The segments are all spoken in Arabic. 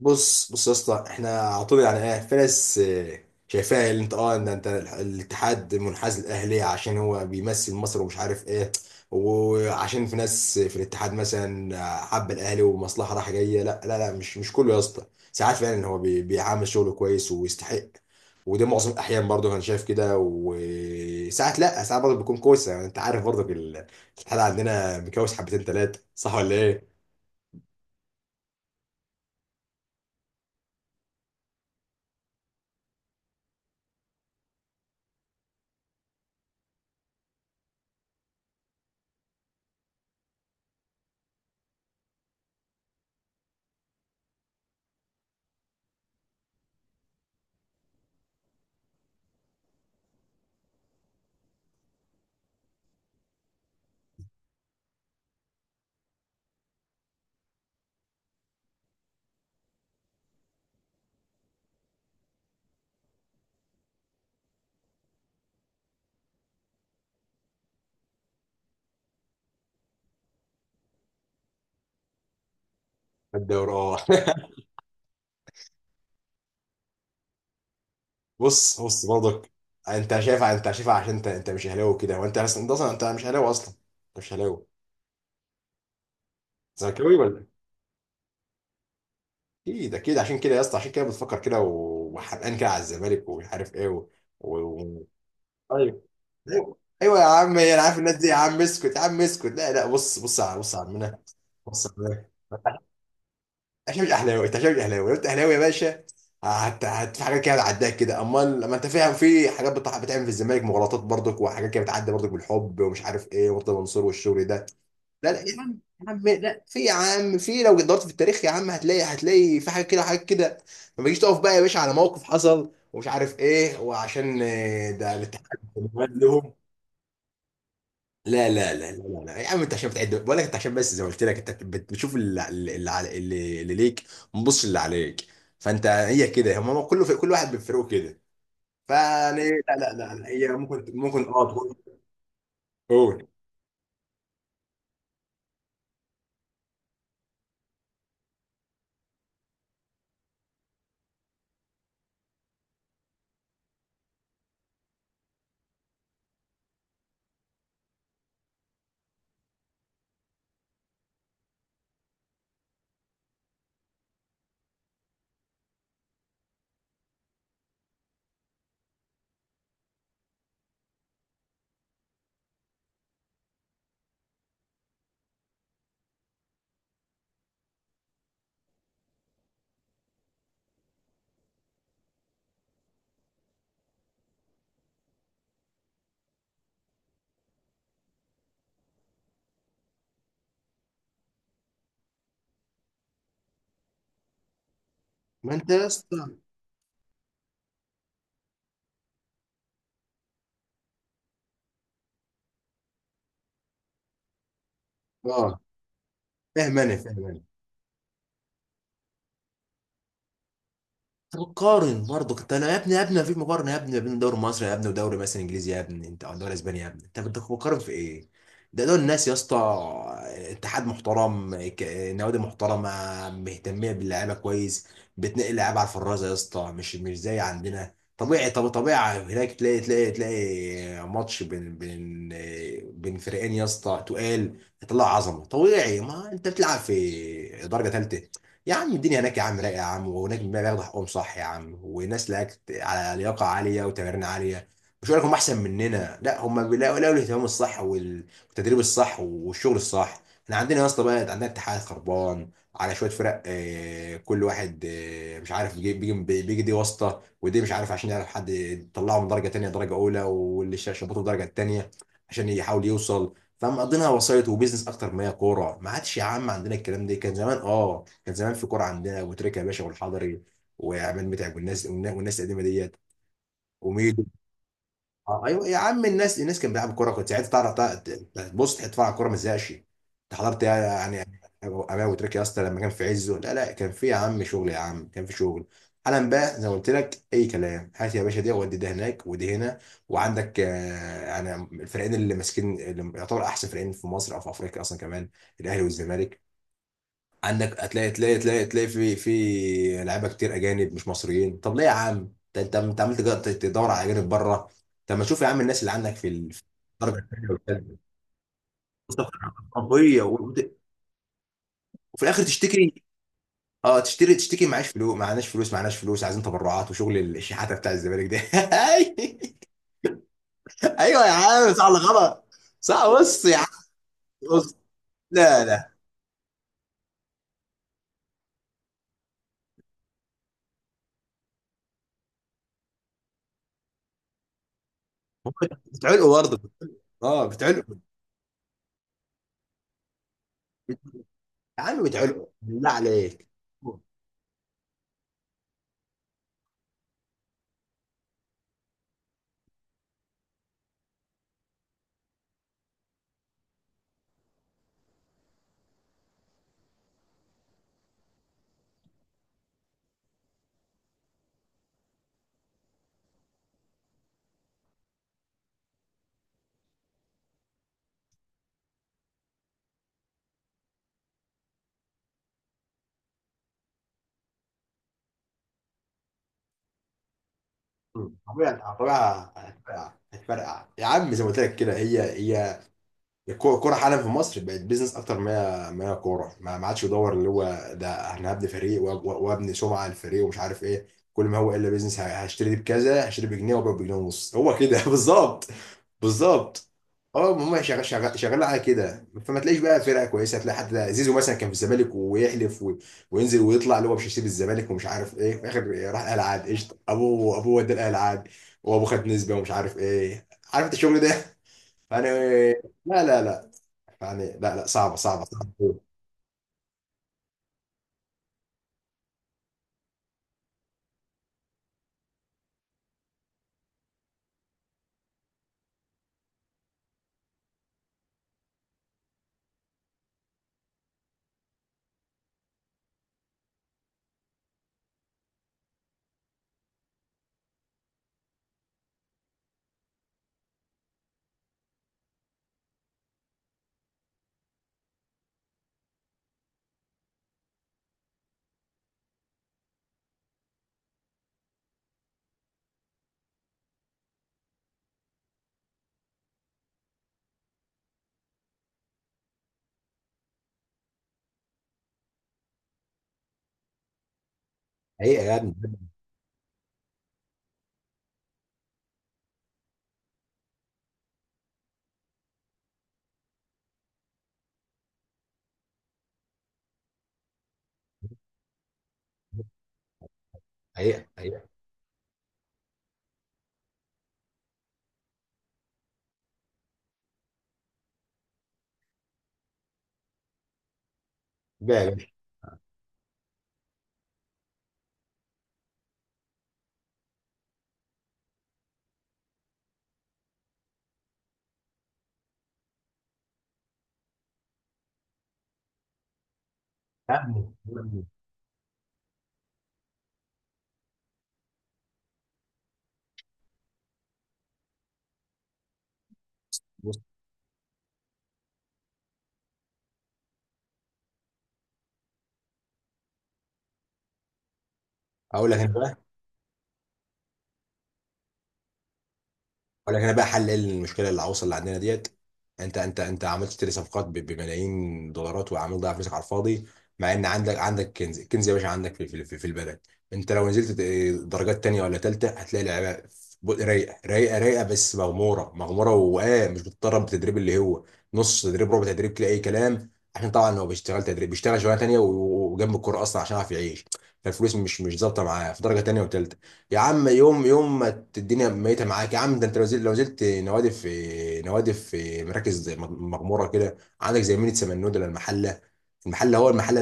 بص بص يا اسطى، احنا على طول يعني ايه في ناس شايفاها اللي انت ان انت الاتحاد منحاز للاهلي عشان هو بيمثل مصر ومش عارف ايه، وعشان في ناس في الاتحاد مثلا حب الاهلي ومصلحه رايحه جايه. لا لا لا، مش كله يا اسطى. ساعات فعلا هو بيعامل شغله كويس ويستحق، وده معظم الاحيان برضه انا شايف كده، وساعات لا، ساعات برضه بيكون كويس. يعني انت عارف برضه الاتحاد عندنا مكوس حبتين ثلاثه، صح ولا ايه؟ الدوري اه بص بص برضك، انت شايفها عشان انت مش اهلاوي كده، وانت اصلا انت مش اهلاوي اصلا. انت مش اهلاوي. زملكاوي ولا إيه؟ اكيد اكيد، عشان كده يا اسطى عشان كده بتفكر كده وحرقان كده على الزمالك ومش عارف ايه و- ايوه ايوه. ايوه يا عم، انا عارف الناس دي يا عم، اسكت يا عم، اسكت. لا لا، بص بص على عمنا. بص، عشان مش اهلاوي انت، عشان مش اهلاوي. لو انت اهلاوي يا باشا هت في حاجات كده هتعداك كده. امال لما انت فاهم في حاجات بتعمل في الزمالك مغالطات برضك، وحاجات كده بتعدي برضك بالحب ومش عارف ايه ومرتضى منصور والشغل ده. لا لا يا عم، يا عم لا، في يا عم في. لو دورت في التاريخ يا عم هتلاقي في حاجات كده حاجات كده. ما تجيش تقف بقى يا باشا على موقف حصل ومش عارف ايه، وعشان ده الاتحاد لهم. لا لا لا لا لا لا. يا عم انت عشان بتعد بقول لك، انت عشان بس زي ما قلت لك انت بتشوف اللي ليك، ما بتبصش اللي عليك. فانت هي كده، هم كله في كل واحد بفرقه كده. فيعني لا لا لا لا، هي ممكن ممكن اه تقول. قول. ما انت يا اسطى اه. فاهم انا، فاهم انا. تقارن برضه كنت انا يا ابني، يا ابني مفيش مقارنه يا ابني، بين الدوري المصري يا ابني ودوري مثلا انجليزي يا ابني انت، او دوري اسباني يا ابني انت. كنت بتقارن في ايه؟ ده دول الناس يا اسطى، اتحاد محترم، نوادي محترمه، مهتميه باللعيبه كويس، بتنقل لعيبه على الفرازه يا اسطى. مش زي عندنا. طبيعي، طب طبيعي هناك تلاقي ماتش بين فريقين يا اسطى تقال يطلع عظمه. طبيعي، ما انت بتلعب في درجه ثالثه. يا عم الدنيا هناك يا عم رايقه يا عم، وهناك بياخدوا حقهم صح يا عم، وناس لك على لياقه عاليه وتمارين عاليه. مش هقول لك هم احسن مننا، لا، هم لقوا الاهتمام الصح والتدريب الصح والشغل الصح. احنا عندنا يا اسطى بقى عندنا اتحاد خربان على شويه فرق. كل واحد مش عارف بيجي دي واسطه، ودي مش عارف عشان يعرف حد يطلعه من درجه تانيه درجه اولى، واللي شبطه في درجه تانيه عشان يحاول يوصل. فمقضينها وسايط وبيزنس اكتر ما هي كوره. ما عادش يا عم عندنا الكلام ده. كان زمان اه، كان زمان في كوره عندنا، ابو تريكه يا باشا والحضري وعماد متعب والناس والناس القديمه ديت وميدو. ايوه يا عم، الناس كانت بتلعب كوره. كنت ساعتها تعرف بص تتفرج على الكوره ما تزهقش. انت حضرت يعني امام ابو تريكه يا اسطى لما كان في عزه. لا لا، كان في يا عم شغل يا عم، كان في شغل. حالا بقى زي ما قلت لك اي كلام. هات يا باشا دي ودي ده هناك ودي هنا. وعندك يعني الفريقين اللي ماسكين، اللي يعتبر احسن فريقين في مصر او في افريقيا اصلا كمان، الاهلي والزمالك. عندك هتلاقي تلاقي في لعيبه كتير اجانب مش مصريين. طب ليه يا عم؟ ده انت عمال تدور على اجانب بره. طب ما تشوف يا عم الناس اللي عندك في في الدرجه الثانيه والثالثه، قويه. وفي الاخر تشتكي. اه تشتكي معاش فلوس، معناش فلوس، معناش فلوس، عايزين تبرعات وشغل الشحاته بتاع الزمالك ده. ايوه يا عم، صح ولا غلط؟ صح. بص يا عم، بص. لا لا بتعلقوا برضه. اه بتعلقوا. يا عم بتعلقوا بالله عليك. طبيعي طبيعي. هتفرقع هتفرقع يا عم، زي ما قلت لك كده هي هي. الكوره حالا في مصر بقت بيزنس اكتر ما هي كوره. ما عادش يدور اللي هو ده انا هبني فريق وابني سمعه للفريق ومش عارف ايه. كل ما هو الا بيزنس. هشتري دي بكذا، هشتري بجنيه وابيع بجنيه ونص. هو كده بالظبط. بالظبط. اه، ما هم شغال على كده. فما تلاقيش بقى فرقه كويسه. تلاقي حتى زيزو مثلا كان في الزمالك ويحلف وينزل ويطلع اللي هو مش هيسيب الزمالك ومش عارف ايه. في الاخر راح الاهلي، عاد قشطه ابوه، ابوه ودى الاهلي عاد وابوه خد نسبه ومش عارف ايه. عارف انت الشغل ده. انا لا لا لا، يعني لا لا. صعبة صعبة صعبة. حقيقة يا ابني. حقيقة حقيقة بقى يا باشا. يا ابني، يا ابني. بص، هقول لك انت، اقول لك انا بقى حل إيه المشكله العويصه اللي عندنا ديت. انت عملت تشتري صفقات بملايين دولارات وعمال تضيع فلوسك على الفاضي، مع ان عندك، عندك كنز، الكنز يا باشا عندك في البلد. انت لو نزلت درجات تانية ولا تالتة هتلاقي لعيبه رايقه، بس مغموره مغموره، واه مش بتتدرب بتدريب اللي هو نص تدريب ربع تدريب كده اي كلام. عشان طبعا هو بيشتغل تدريب، بيشتغل شغلانه تانية وجنب الكوره اصلا عشان يعرف يعيش. فالفلوس مش ظابطه معاه في درجه تانية وتالتة. يا عم يوم يوم ما الدنيا ميته معاك يا عم. ده انت لو زلت، لو زلت نوادي، في نوادي في مراكز مغموره كده عندك زي مينيت سمنود ولا المحله. المحله هو المحله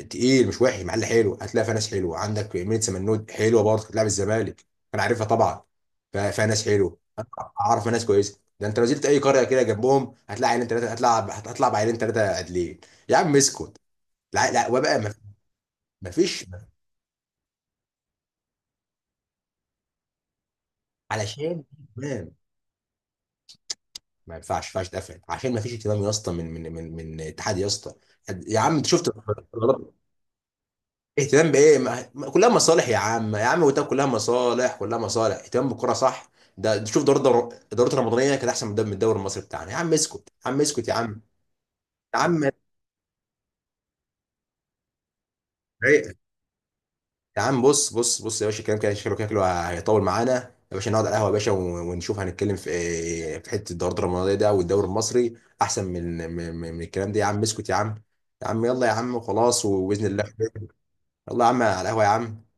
التقيل مش وحش، محل حلو، هتلاقي فيها ناس حلوه. عندك مينيت سمنود حلوه برضه، كانت بتلعب الزمالك. انا عارفها طبعا. فيها ناس حلوه. أنا اعرف ناس كويسه. ده انت لو زلت اي قريه كده جنبهم هتلاقي عيلين ثلاثه هتلعب، هتطلع بعيلين ثلاثه عادلين. يا عم اسكت. لا لا، وبقى ما، ما فيش. علشان ما ينفعش، ما ينفعش تقفل، عشان ما فيش اهتمام يا اسطى من اتحاد يا اسطى. يا عم انت شفت القرارات؟ اهتمام بايه؟ كلها مصالح يا عم، يا عم وتاب كلها مصالح، كلها مصالح. اهتمام بالكره صح؟ ده شوف دوري، الدوري الرمضانيه كانت احسن من الدوري المصري بتاعنا. يا عم اسكت، يا عم اسكت، يا عم، يا عم، يا عم. بص بص بص يا باشا، الكلام كده شكله كده شكله هيطول معانا يا باشا، نقعد على القهوه يا باشا ونشوف هنتكلم في إيه، في حته الدوري المرضيه ده والدوري المصري احسن من الكلام ده. يا عم اسكت يا عم، يا عم يلا يا عم، وخلاص وباذن الله. يلا يا عم على القهوه يا عم.